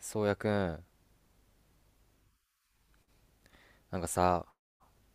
そうやくん、なんかさ、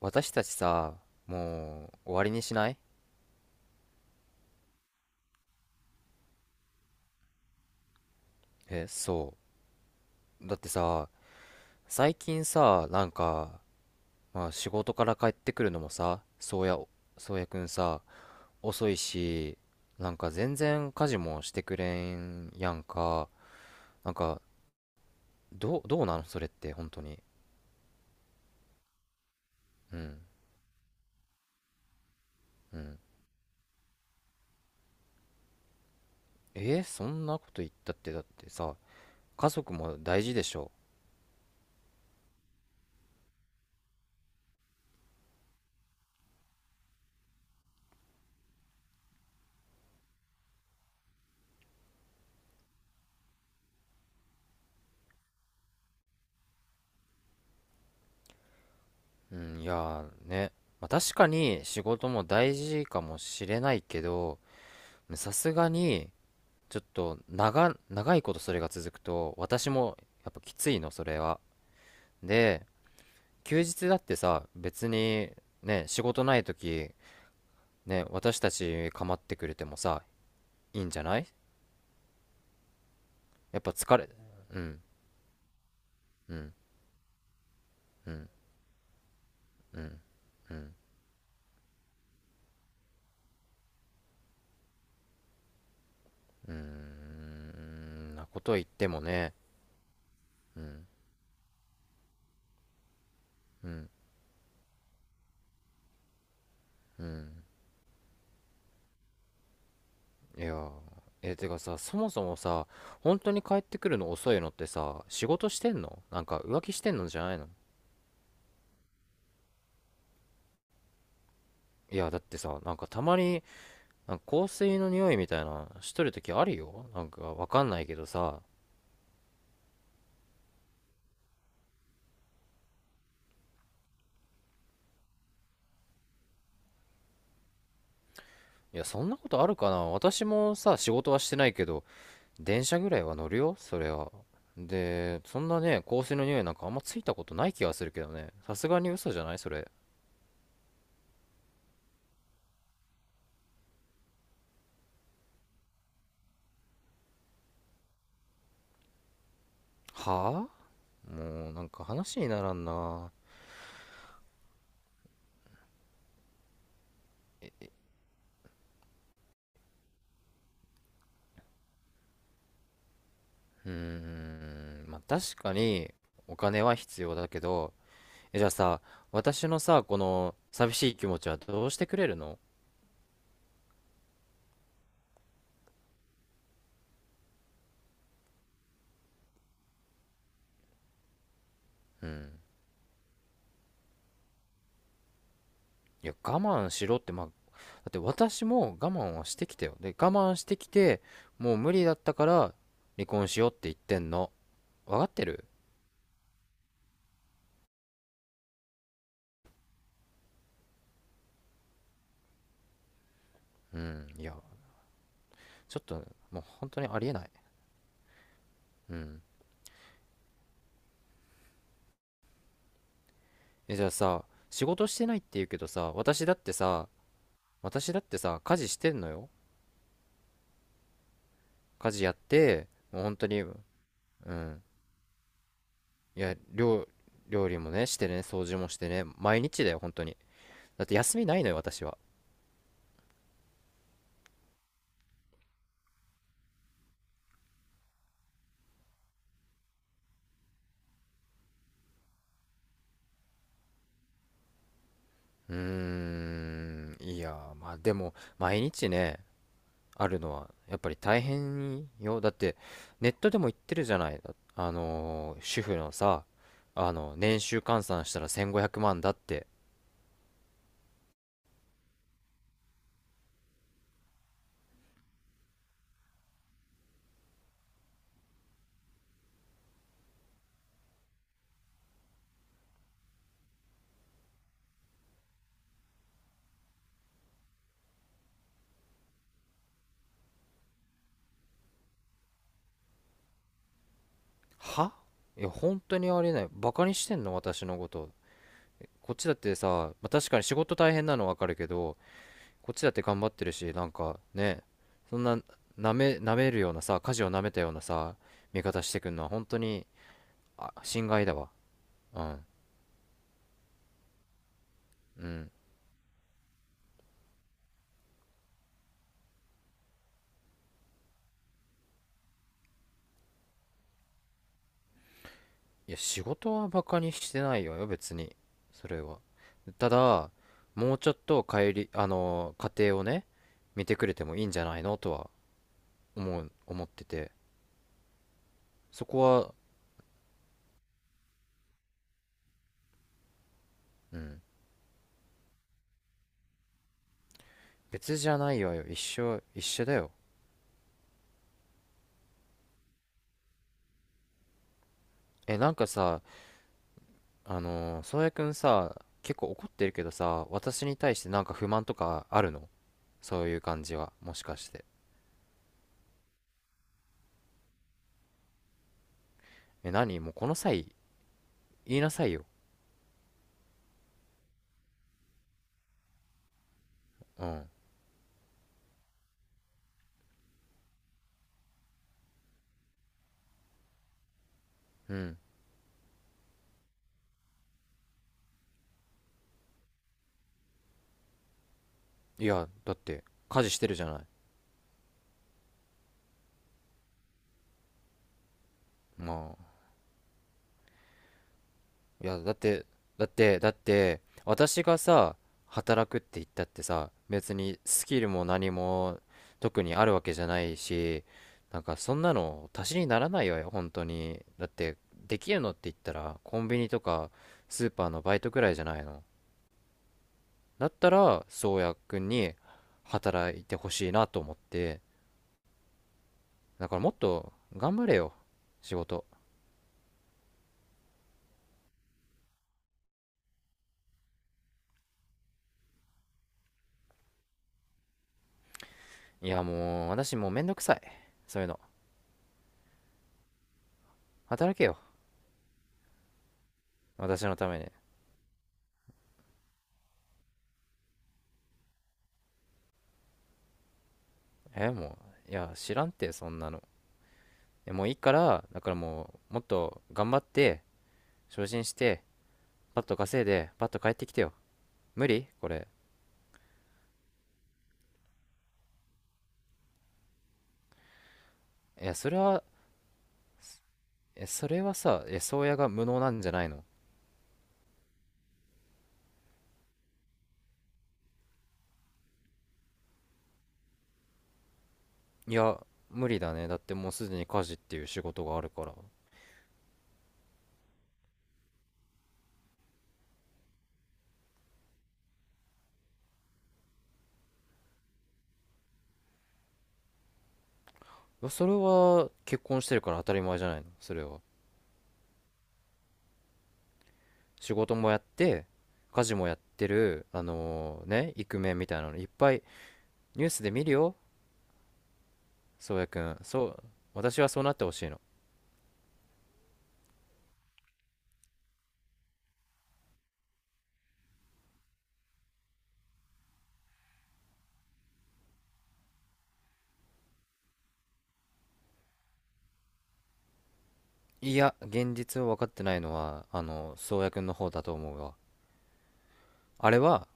私たちさ、もう終わりにしない？え、そう。だってさ、最近さ、なんか、まあ仕事から帰ってくるのもさ、そうやくんさ、遅いし、なんか全然家事もしてくれんやんか。なんか、どうなのそれって、本当に。うん、うん。そんなこと言ったって、だってさ、家族も大事でしょ。うん、いやーね、まあ、確かに仕事も大事かもしれないけど、さすがにちょっと長いことそれが続くと私も、やっぱきついの、それは。で、休日だってさ、別にね、仕事ない時、ね、私たち構ってくれてもさ、いいんじゃない？やっぱ疲れ、うん、うん、うん、うん、うん、うん、うんなこと言ってもね、うん、うん、うん。いやー、てかさ、そもそもさ、本当に帰ってくるの遅いのってさ、仕事してんの？なんか浮気してんのじゃないの？いや、だってさ、なんかたまに、なんか香水の匂いみたいなしとる時あるよ、なんかわかんないけどさ。いや、そんなことあるかな？私もさ、仕事はしてないけど電車ぐらいは乗るよ、それは。で、そんなね、香水の匂いなんかあんまついたことない気がするけどね、さすがに。嘘じゃない、それ？はぁ、もうなんか話にならんな。うーん、まあ、確かにお金は必要だけど、じゃあさ、私のさ、この寂しい気持ちはどうしてくれるの？うん。いや、我慢しろって、まあ、だって私も我慢はしてきたよ。で、我慢してきて、もう無理だったから離婚しようって言ってんの。わかってる？うん、いや、ちょっと、もう本当にありえない。うん。え、じゃあさ、仕事してないって言うけどさ、私だってさ、家事してんのよ。家事やって、もう本当に、うん。いや、料理もね、してね、掃除もしてね、毎日だよ、本当に。だって休みないのよ、私は。うーん、いや、まあでも、毎日ね、あるのは、やっぱり大変よ。だって、ネットでも言ってるじゃない。主婦のさ、年収換算したら1500万だって。はいや、本当にありえない。バカにしてんの、私のこと？こっちだってさ、まあ、確かに仕事大変なのわかるけど、こっちだって頑張ってるし、なんかね、そんな舐めるようなさ、舵を舐めたようなさ、味方してくんのは本当に、あ、心外だわ。うん。うん。いや、仕事はバカにしてないよ、別に。それは。ただ、もうちょっと家庭をね、見てくれてもいいんじゃないのとは思ってて。そこは、うん。別じゃないわよ。一緒、一緒だよ。なんかさ、宗谷くんさ、結構怒ってるけどさ、私に対してなんか不満とかあるの？そういう感じは、もしかして。何もうこの際、言いなさいよ。うん。うん。いや、だって、家事してるじゃない。まあ、いや、だって、私がさ、働くって言ったってさ、別にスキルも何も特にあるわけじゃないし、なんかそんなの足しにならないわよ、本当に。だって、できるのって言ったら、コンビニとかスーパーのバイトくらいじゃないの。だったら、宗谷くんに働いてほしいなと思って、だからもっと頑張れよ、仕事。いや、もう、私もうめんどくさい。そういうの。働けよ、私のために。もう、いや知らんって、そんなの。もういいから、だからもうもっと頑張って昇進してパッと稼いでパッと帰ってきてよ。無理これ。いや、それは、それはさ、宗谷が無能なんじゃないの？いや、無理だね。だってもうすでに家事っていう仕事があるから、いや、それは結婚してるから当たり前じゃないの、それは。仕事もやって家事もやってる、ね、イクメンみたいなのいっぱいニュースで見るよ。宗谷くん、そう、私はそうなってほしいの。いや、現実を分かってないのは、宗谷君の方だと思うわ。あれは、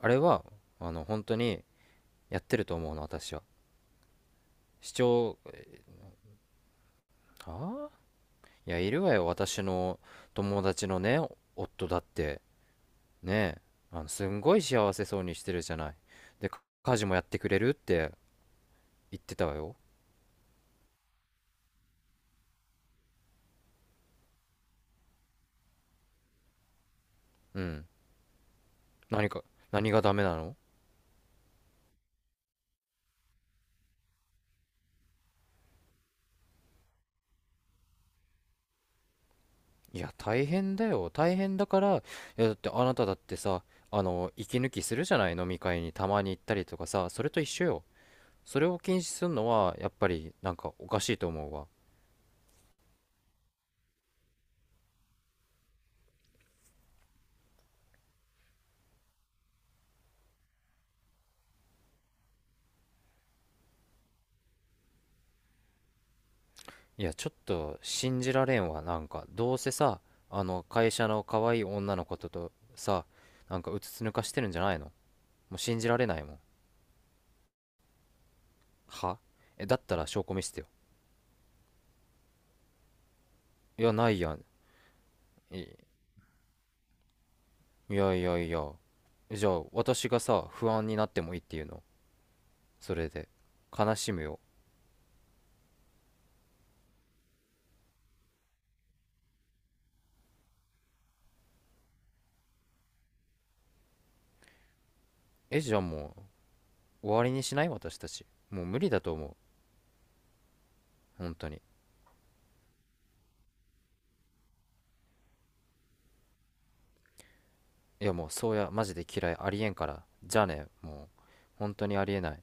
あれは、本当にやってると思うの、私は。視聴、ああ、いや、いるわよ、私の友達のね、夫だって、ねえ、すんごい幸せそうにしてるじゃない。で、家事もやってくれるって言ってたわよ。うん。何か、何がダメなの？いや、大変だよ。大変だから、いや、だってあなただってさ、息抜きするじゃない、飲み会にたまに行ったりとかさ、それと一緒よ。それを禁止するのは、やっぱり、なんかおかしいと思うわ。いや、ちょっと信じられんわ、なんか。どうせさ、会社の可愛い女の子ととさ、なんかうつつ抜かしてるんじゃないの？もう信じられないもん。はえ、だったら証拠見せてよ。いや、ないやん。いいやいやいや。じゃあ、私がさ、不安になってもいいっていうの？それで悲しむよ。じゃあもう終わりにしない？私たちもう無理だと思う、本当に。いや、もう、そうやマジで嫌い、ありえんから、じゃあね、もう本当にありえない。